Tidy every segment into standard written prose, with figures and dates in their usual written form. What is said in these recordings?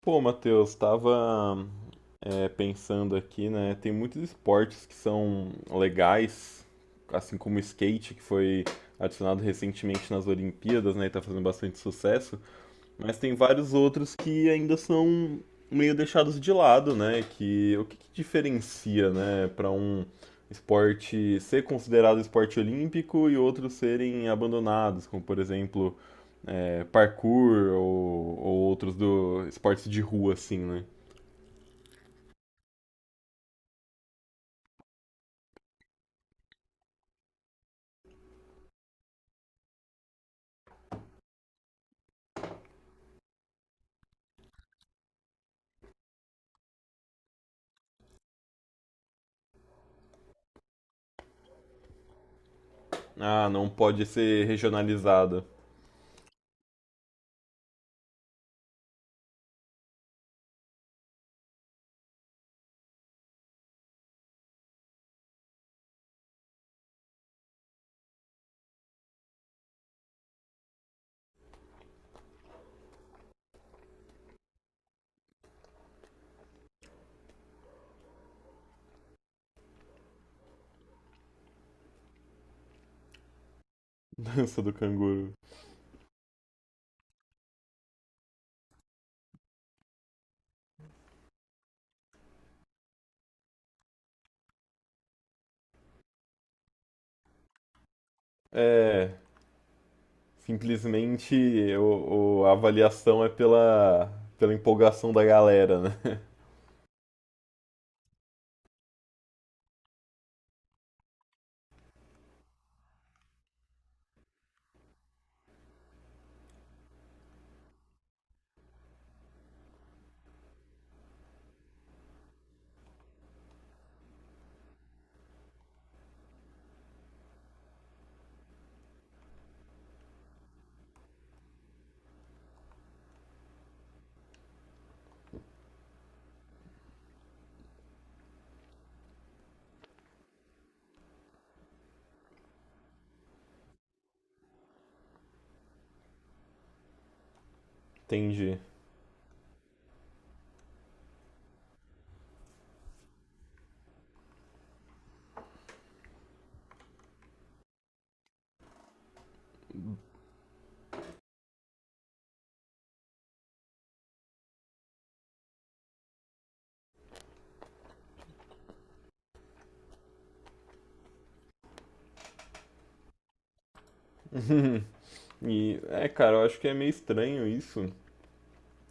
Pô, Matheus, estava pensando aqui, né? Tem muitos esportes que são legais, assim como o skate, que foi adicionado recentemente nas Olimpíadas, né? E tá fazendo bastante sucesso. Mas tem vários outros que ainda são meio deixados de lado, né? Que, que diferencia, né, para um esporte ser considerado esporte olímpico e outros serem abandonados, como por exemplo é, parkour ou outros do esportes de rua, assim, né? Ah, não pode ser regionalizada. Dança do canguru. É, simplesmente a avaliação é pela empolgação da galera, né? Entendi. E é, cara, eu acho que é meio estranho isso,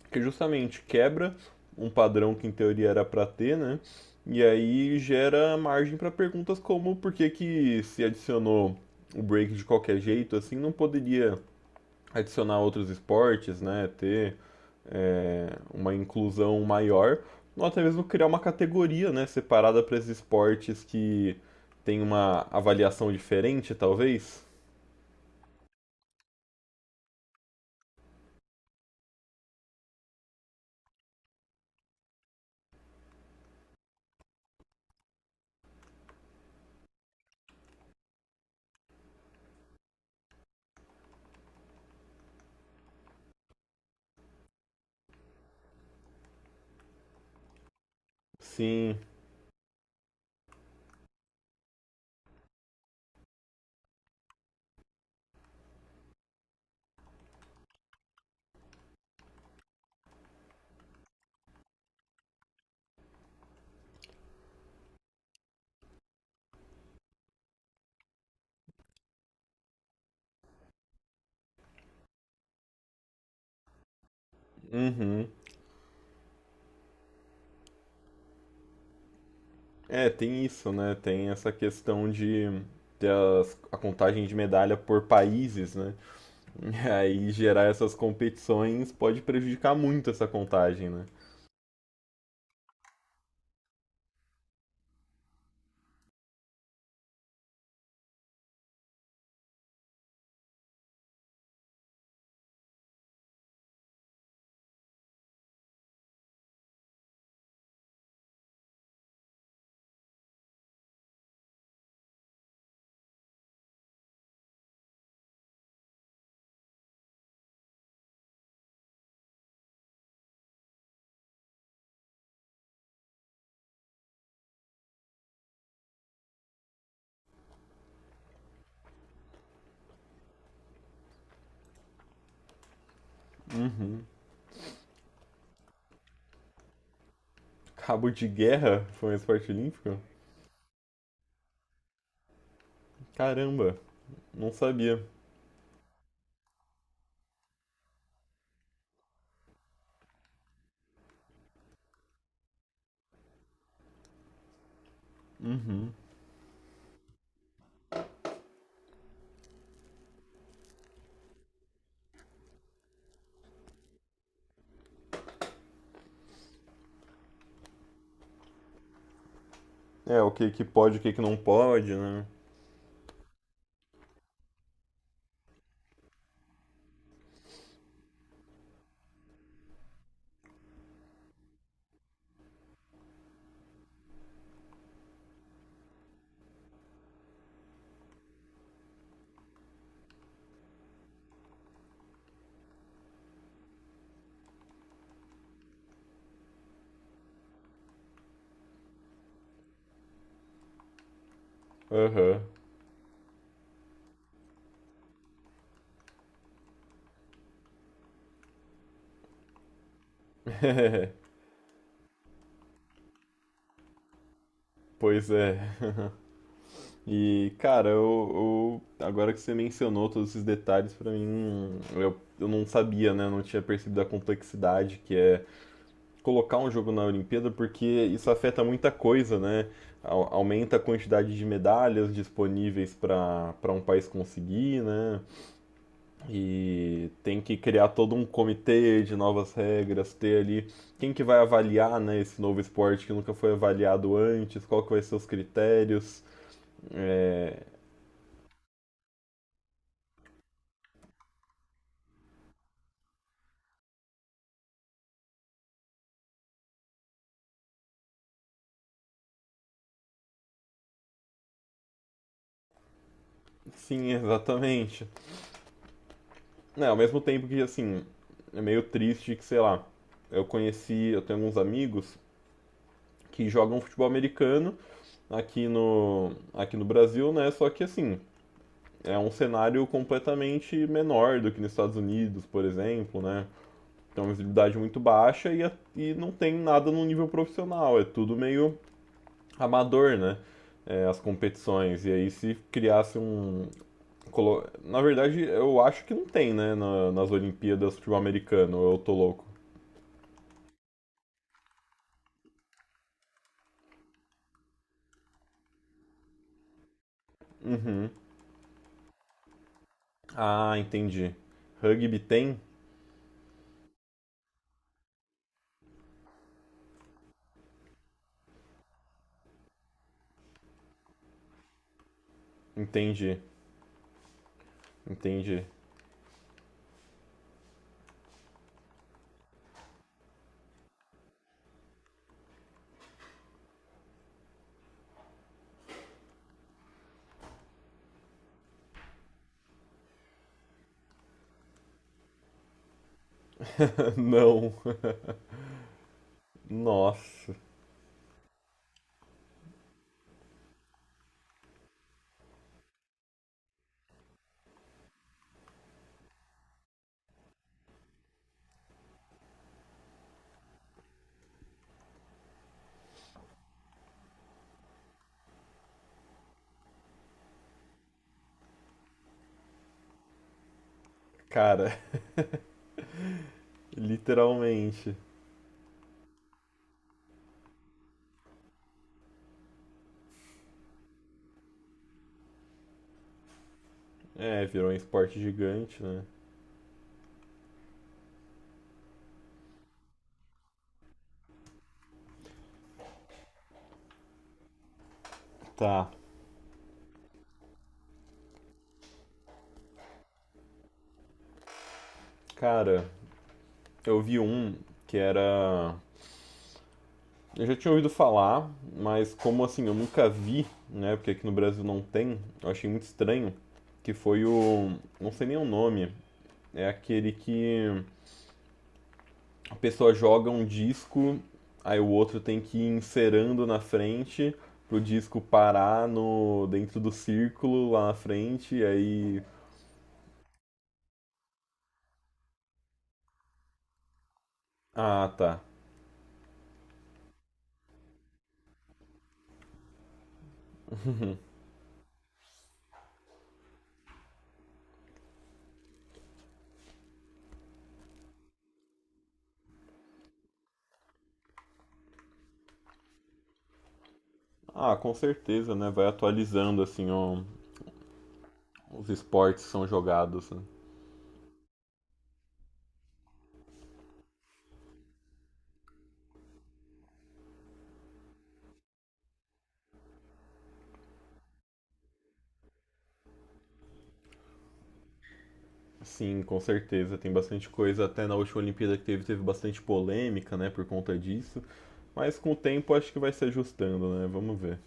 porque justamente quebra um padrão que em teoria era pra ter, né? E aí gera margem pra perguntas como por que que se adicionou o break de qualquer jeito, assim, não poderia adicionar outros esportes, né? Ter é, uma inclusão maior, ou até mesmo criar uma categoria, né, separada para esses esportes que tem uma avaliação diferente, talvez? Sim. Uhum. É, tem isso, né? Tem essa questão de ter a contagem de medalha por países, né? E aí gerar essas competições pode prejudicar muito essa contagem, né? Uhum. Cabo de guerra foi um esporte olímpico? Caramba, não sabia. É, o que que pode, o que que não pode, né? Aham, pois é. E, cara, agora que você mencionou todos esses detalhes, pra mim, eu não sabia, né? Eu não tinha percebido a complexidade que é colocar um jogo na Olimpíada, porque isso afeta muita coisa, né? Aumenta a quantidade de medalhas disponíveis para para um país conseguir, né? E tem que criar todo um comitê de novas regras, ter ali quem que vai avaliar, né, esse novo esporte que nunca foi avaliado antes, qual que vai ser os critérios. É, sim, exatamente. É, ao mesmo tempo que, assim, é meio triste que, sei lá, eu conheci, eu tenho alguns amigos que jogam futebol americano aqui no Brasil, né? Só que assim, é um cenário completamente menor do que nos Estados Unidos, por exemplo, né? Tem uma visibilidade muito baixa e não tem nada no nível profissional, é tudo meio amador, né? É, as competições. E aí se criasse um. Na verdade, eu acho que não tem, né? Nas Olimpíadas futebol americano, eu tô louco. Uhum. Ah, entendi. Rugby tem? Entendi. Entendi. Não. Nossa. Cara, literalmente. É, virou um esporte gigante, né? Tá. Cara, eu vi um que era. Eu já tinha ouvido falar, mas como assim, eu nunca vi, né? Porque aqui no Brasil não tem, eu achei muito estranho. Que foi o. Não sei nem o nome. É aquele que a pessoa joga um disco, aí o outro tem que ir inserando na frente pro disco parar no dentro do círculo lá na frente, e aí. Ah, tá. Ah, com certeza, né? Vai atualizando assim ó, os esportes que são jogados, né? Sim, com certeza. Tem bastante coisa. Até na última Olimpíada que teve, teve bastante polêmica, né, por conta disso. Mas com o tempo acho que vai se ajustando, né? Vamos ver.